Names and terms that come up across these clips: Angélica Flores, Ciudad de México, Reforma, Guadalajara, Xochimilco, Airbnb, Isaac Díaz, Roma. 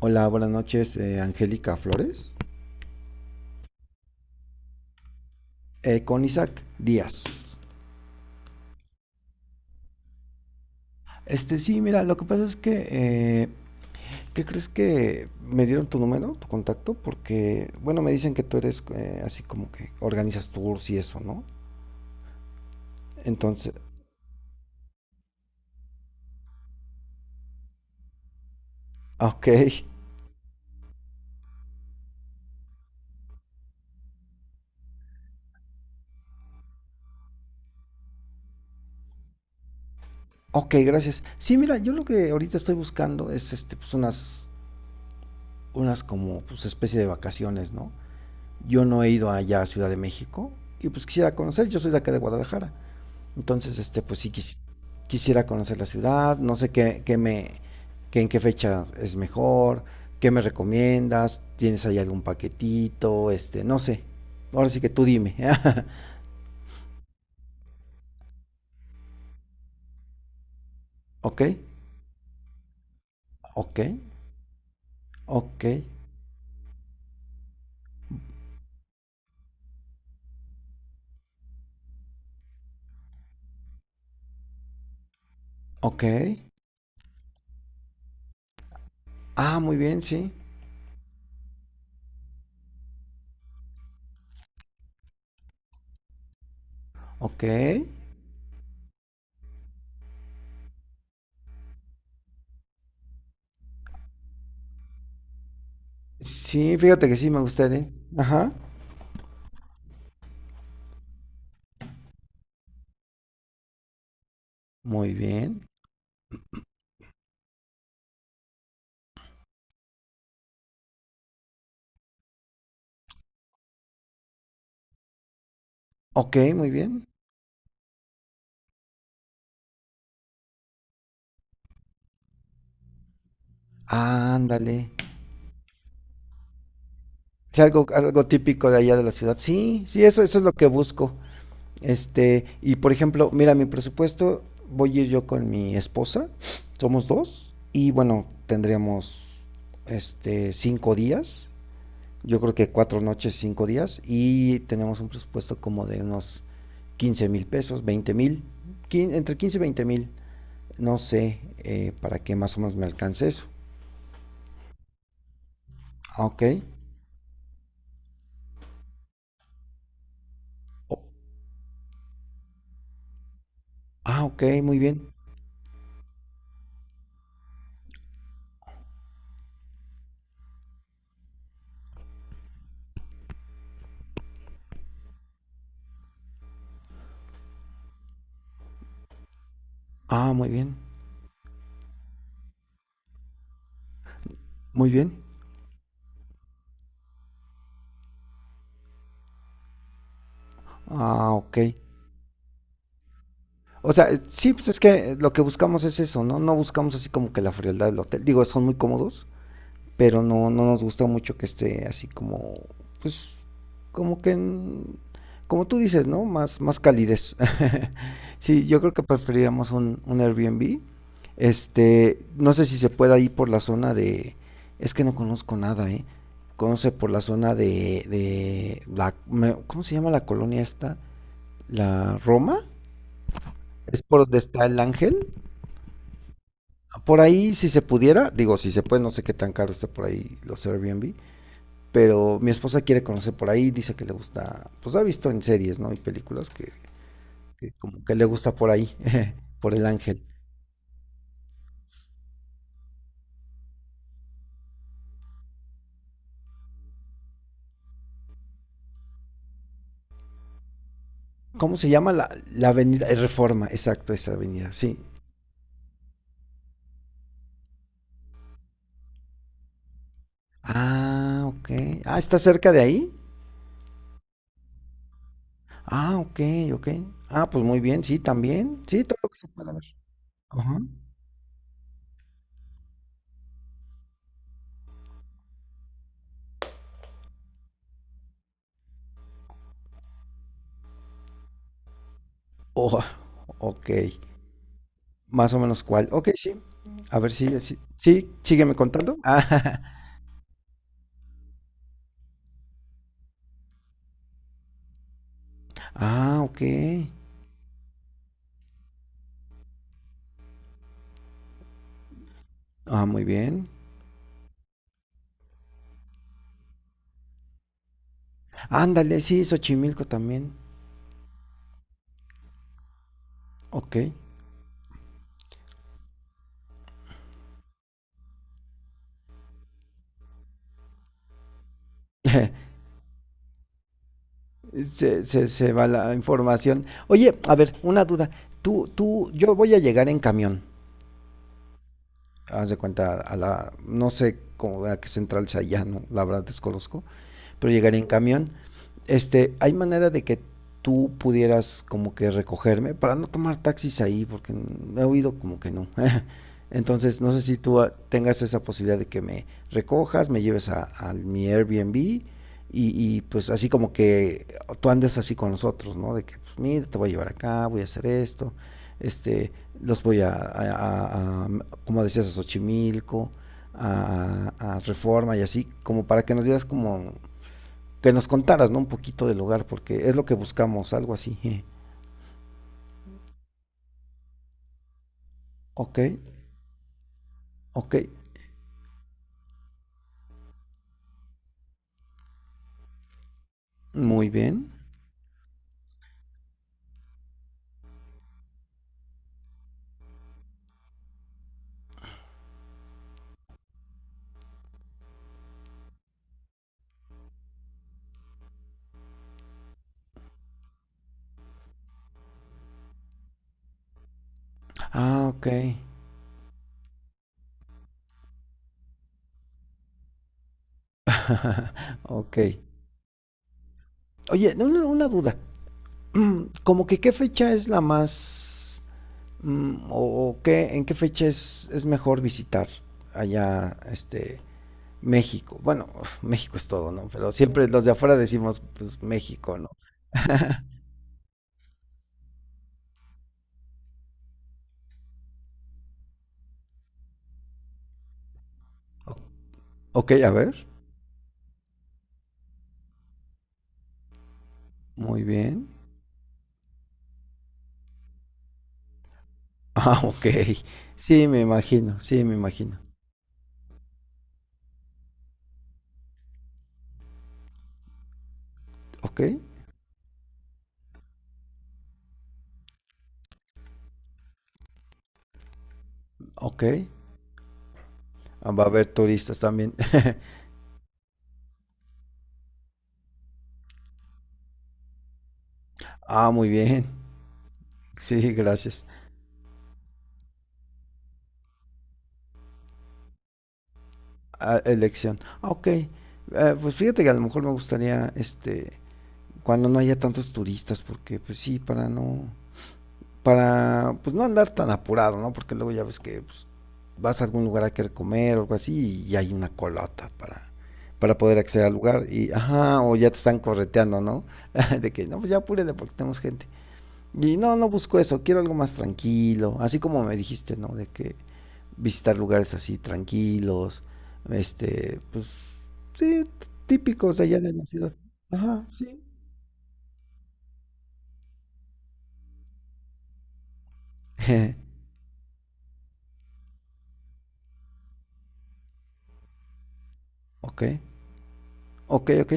Hola, buenas noches, Angélica Flores. Con Isaac Díaz. Sí, mira, lo que pasa es que, eh, ¿qué crees que me dieron tu número, tu contacto? Porque, bueno, me dicen que tú eres así como que organizas tours y eso, ¿no? Entonces, ok, ok, gracias. Sí, mira, yo lo que ahorita estoy buscando es, pues unas, unas como, pues especie de vacaciones, ¿no? Yo no he ido allá a Ciudad de México y pues quisiera conocer, yo soy de acá de Guadalajara. Entonces, pues sí quisiera conocer la ciudad, no sé qué, qué me, qué en qué fecha es mejor, qué me recomiendas, tienes ahí algún paquetito, no sé. Ahora sí que tú dime. Ok, ok, ok, ok. Ah, muy bien, sí. Ok. Sí, fíjate que sí me gustaría. Ajá. Muy bien. Ok, muy bien. Ándale. Sí, algo, algo típico de allá de la ciudad. Sí, sí, eso es lo que busco. Y por ejemplo, mira, mi presupuesto, voy a ir yo con mi esposa, somos dos, y bueno, tendríamos este cinco días, yo creo que cuatro noches, cinco días, y tenemos un presupuesto como de unos 15 mil pesos, 20 mil, entre 15 y 20 mil, no sé, para que más o menos me alcance eso. Ah, ok. O- ah, ok, muy bien. Ah, muy bien. Muy bien. Ah, ok. O sea, sí, pues es que lo que buscamos es eso, ¿no? No buscamos así como que la frialdad del hotel. Digo, son muy cómodos, pero no, no nos gusta mucho que esté así como, pues, como que, en- como tú dices, ¿no? Más, más calidez. Sí, yo creo que preferiríamos un Airbnb. No sé si se pueda ir por la zona de, es que no conozco nada, ¿eh? Conoce por la zona de la, ¿cómo se llama la colonia esta? ¿La Roma? ¿Es por donde está el ángel? Por ahí, si se pudiera, digo, si se puede, no sé qué tan caro esté por ahí los Airbnb, pero mi esposa quiere conocer por ahí, dice que le gusta, pues ha visto en series, ¿no? Y películas que como que le gusta por ahí, por el ángel. ¿Cómo se llama la, la avenida? Reforma, exacto, esa avenida, sí. Ah, ok. Ah, ¿está cerca de ahí? Ah, ok, ok. Ah, pues muy bien, sí, también. Sí, todo lo que se pueda ver. Ajá. Oh, ok. Más o menos cuál. Ok, sí. A ver si, sí, sígueme contando. Ah, ah, ok. Ah, muy bien. Ándale, sí, Xochimilco también. Ok. Se va la información. Oye, a ver, una duda. Yo voy a llegar en camión. Haz de cuenta a la, no sé cómo, a qué central sea allá, no, la verdad desconozco. Pero llegaría en camión. ¿Hay manera de que tú pudieras como que recogerme para no tomar taxis ahí? Porque he oído como que no. Entonces, no sé si tú tengas esa posibilidad de que me recojas, me lleves a mi Airbnb y, pues así como que tú andes así con nosotros, ¿no? De que, pues mira, te voy a llevar acá, voy a hacer esto, este, los voy a, a- como decías, a Xochimilco, a Reforma y así, como para que nos dieras como que nos contaras, ¿no? Un poquito del hogar, porque es lo que buscamos, algo así. Ok, ok, muy bien. Ah, ok. ok. Oye, una duda. Como que qué fecha es la más... o qué, en qué fecha es mejor visitar allá, México? Bueno, México es todo, ¿no? Pero siempre los de afuera decimos, pues, México, ¿no? Ok, a ver. Muy bien. Ah, ok. Sí, me imagino, sí, me imagino. Ok, ok. Ah, va a haber turistas también. Ah, muy bien. Sí, gracias. Ah, elección. Ah, ok. Pues fíjate que a lo mejor me gustaría, cuando no haya tantos turistas, porque pues sí, para no... para pues no andar tan apurado, ¿no? Porque luego ya ves que pues, vas a algún lugar a querer comer o algo así y hay una colota para poder acceder al lugar y ajá, o ya te están correteando, ¿no? De que no, pues ya apúrele porque tenemos gente. Y no, no busco eso, quiero algo más tranquilo, así como me dijiste, ¿no? De que visitar lugares así tranquilos, pues sí, típicos de allá de la ciudad. Ajá, sí. Ok, ok, ok.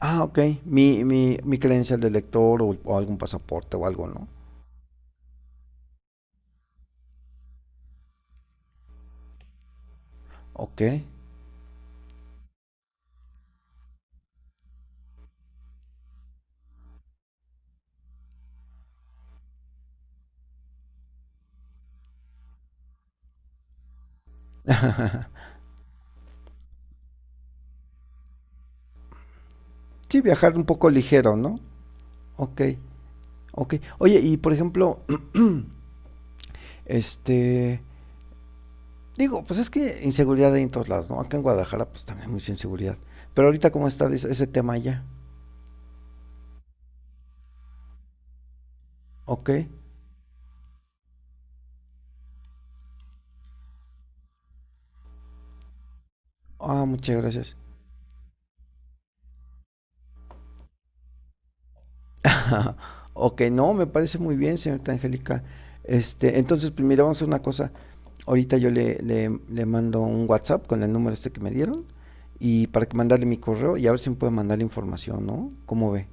Ah, ok. Mi credencial de lector o algún pasaporte o algo, ¿no? Ok. Sí, viajar un poco ligero, ¿no? Ok, ok. Oye, y por ejemplo, este, digo, pues es que inseguridad hay en todos lados, ¿no? Acá en Guadalajara, pues también hay mucha inseguridad. Pero ahorita, ¿cómo está ese tema ya? Ok. Ah, muchas gracias. Ok, no, me parece muy bien, señorita Angélica. Entonces, pues mira, vamos a hacer una cosa. Ahorita yo le mando un WhatsApp con el número este que me dieron y para que mandarle mi correo y a ver si me puede mandar la información, ¿no? ¿Cómo ve?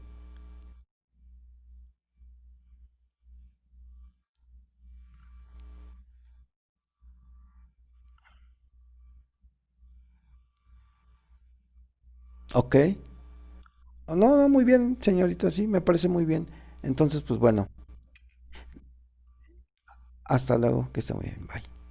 Ok. No, no, muy bien, señorita, sí, me parece muy bien. Entonces, pues bueno, hasta luego, que esté muy bien, bye.